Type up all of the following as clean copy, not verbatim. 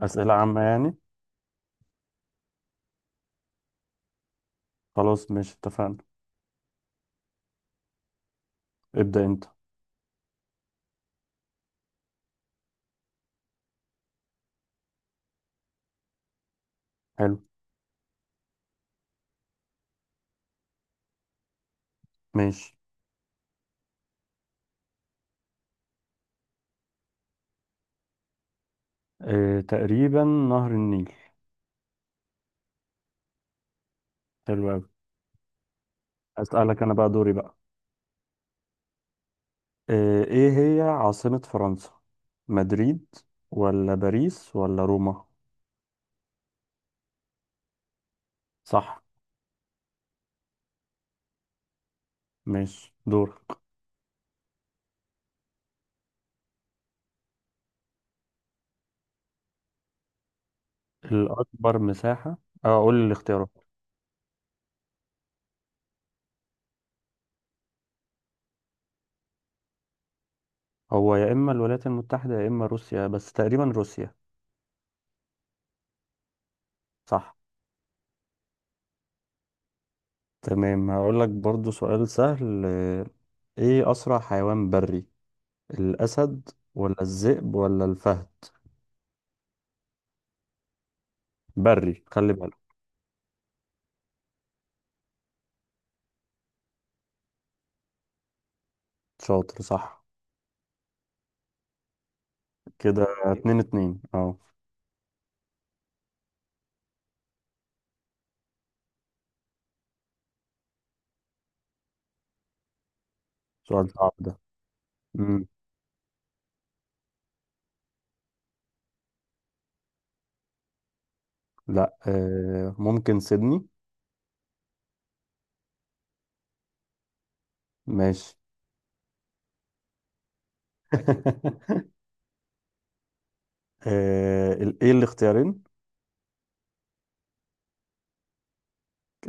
أسئلة عامة يعني؟ خلاص، ماشي اتفقنا. ابدأ أنت. حلو. ماشي. اه، تقريبا نهر النيل. حلو أوي. أسألك أنا بقى، دوري بقى. اه، إيه هي عاصمة فرنسا؟ مدريد ولا باريس ولا روما؟ صح. ماشي، دورك. الأكبر مساحة. أه، قول لي الاختيارات. هو يا إما الولايات المتحدة يا إما روسيا، بس تقريبا روسيا. صح. تمام، هقول لك برضو سؤال سهل. اه، إيه أسرع حيوان بري؟ الأسد ولا الذئب ولا الفهد؟ بري، خلي بالك. شاطر. صح، كده 2-2. اه. سؤال صعب ده. مم. لا، ممكن سيدني. ماشي. ايه الاختيارين؟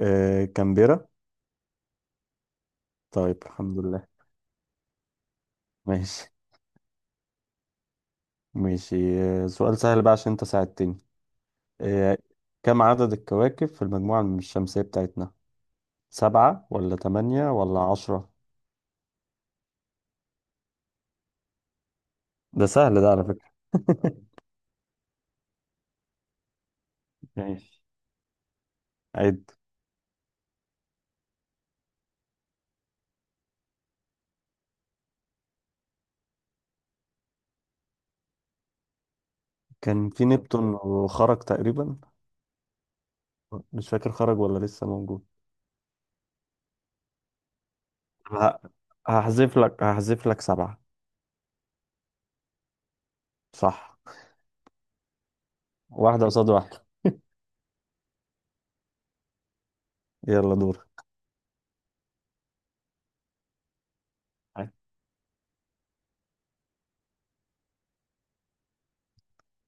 آه، كامبيرا. طيب الحمد لله. ماشي. ماشي. آه، سؤال سهل بقى عشان انت ساعدتني. آه كم عدد الكواكب في المجموعة الشمسية بتاعتنا؟ سبعة ولا تمانية ولا عشرة؟ ده سهل ده على فكرة. ماشي. عد. كان في نبتون وخرج تقريبا. مش فاكر، خرج ولا لسه موجود. ه- هحذف لك سبعة. صح. واحدة قصاد واحدة. يلا، دور.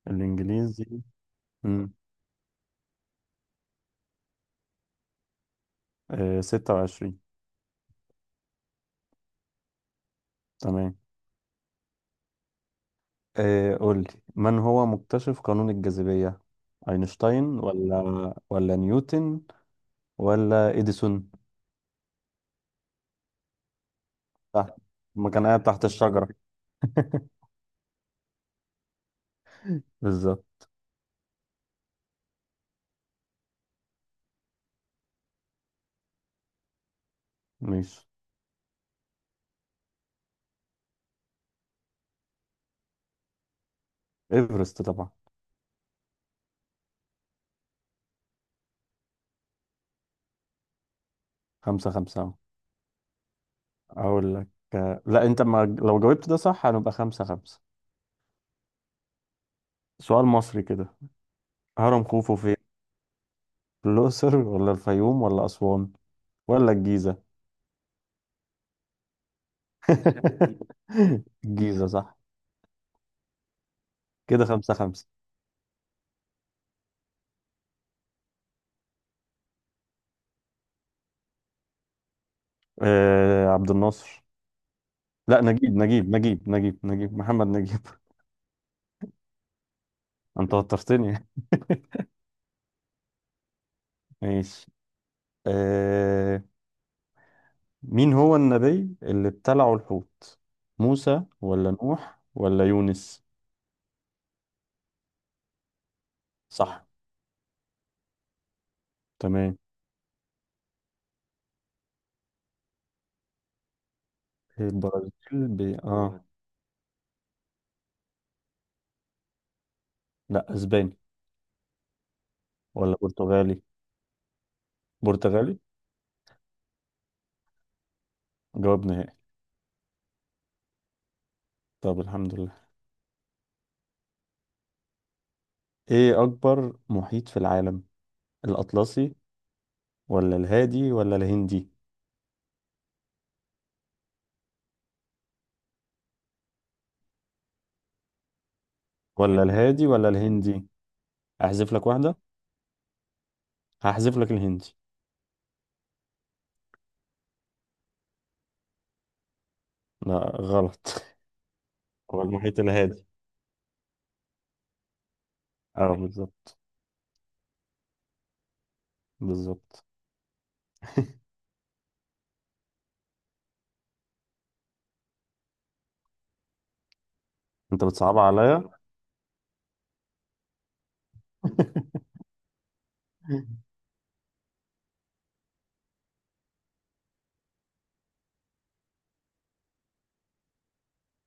الإنجليزي. مم. آه، 26. تمام. آه، قول لي. من هو مكتشف قانون الجاذبية؟ أينشتاين ولا نيوتن ولا إديسون؟ صح. ما كان قاعد تحت الشجرة. بالظبط. ماشي. إيفرست طبعا. 5-5 أهو. اقول لك. لا، انت ما لو جاوبت ده صح هنبقى 5-5. سؤال مصري كده. هرم خوفو فين؟ في الاقصر ولا الفيوم ولا اسوان ولا الجيزة؟ الجيزة صح. كده 5-5. عبد الناصر. لا، نجيب نجيب نجيب نجيب نجيب، محمد نجيب. انت وترتني. ماشي. آه مين هو النبي اللي ابتلعه الحوت؟ موسى ولا نوح ولا يونس؟ صح. تمام. البرازيل. ب... اه لا، اسباني ولا برتغالي. برتغالي. جواب نهائي. طب الحمد لله. ايه اكبر محيط في العالم؟ الاطلسي ولا الهادي ولا الهندي؟ ولا الهادي ولا الهندي. احذف لك واحدة. هحذف لك الهندي. لا، غلط. هو المحيط الهادي. اه، بالظبط. بالظبط. انت بتصعب عليا.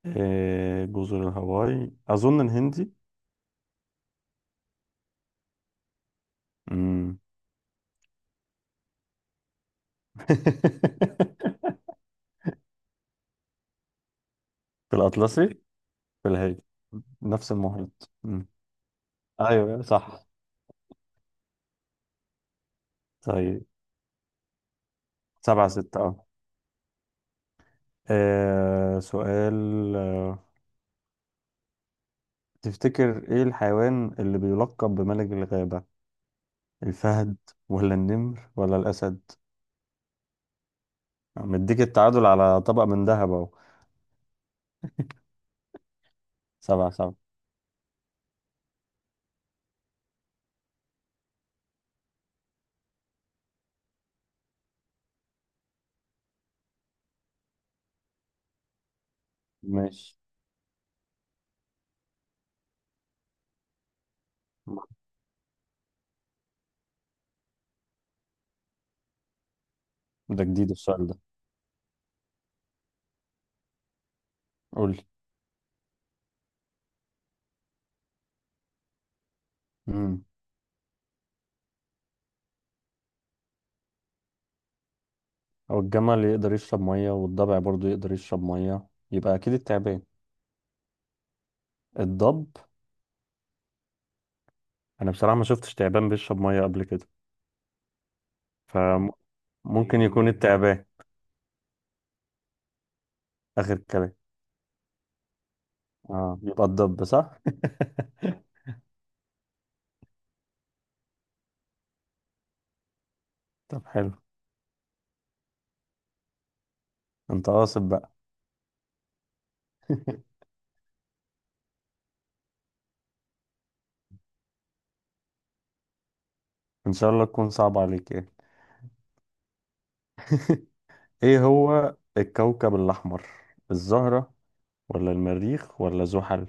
إيه جزر الهواي، اظن الهندي. مم. في الاطلسي. في الهادي، نفس المحيط. مم. ايوه، صح. طيب، 7-6. اه. سؤال. آه، تفتكر ايه الحيوان اللي بيلقب بملك الغابة؟ الفهد ولا النمر ولا الأسد؟ مديك التعادل على طبق من ذهب اهو. 7-7. ماشي. ده جديد السؤال ده. قولي. امم هو الجمل يقدر يشرب مية والضبع برضو يقدر يشرب مية، يبقى أكيد التعبان. الضب. أنا بصراحة ما شفتش تعبان بيشرب مية قبل كده، فممكن يكون التعبان. آخر كلام. اه، يبقى الضب صح. طب حلو. انت قاصد بقى. ان شاء الله تكون صعب عليك يعني. ايه هو الكوكب الاحمر؟ الزهرة ولا المريخ ولا زحل؟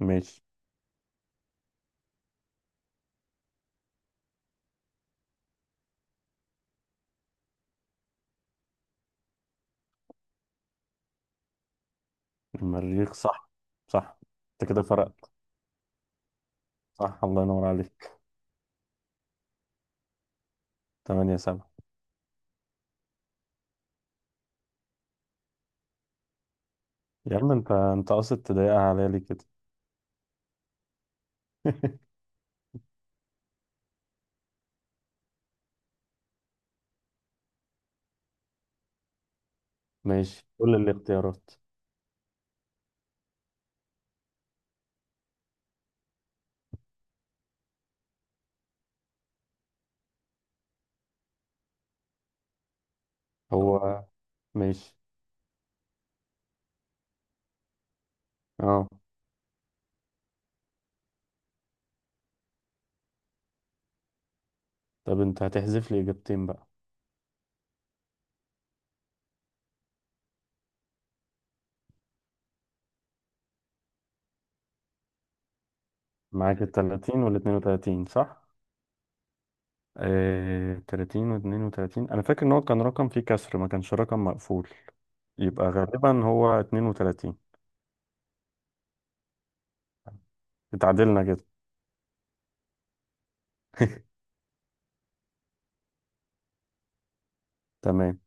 ماشي. المريخ صح. صح، انت كده فرقت. صح، الله ينور عليك. 8-7. يا عم، انت قاصد تضايقها عليا ليه كده. ماشي، كل الاختيارات. هو. ماشي. اه. طب انت هتحذف لي اجابتين بقى. معاك ال 30 وال 32 صح؟ 30 و32. انا فاكر ان هو كان رقم فيه كسر، ما كانش رقم مقفول. يبقى غالبا هو 32. اتعادلنا كده. تمام.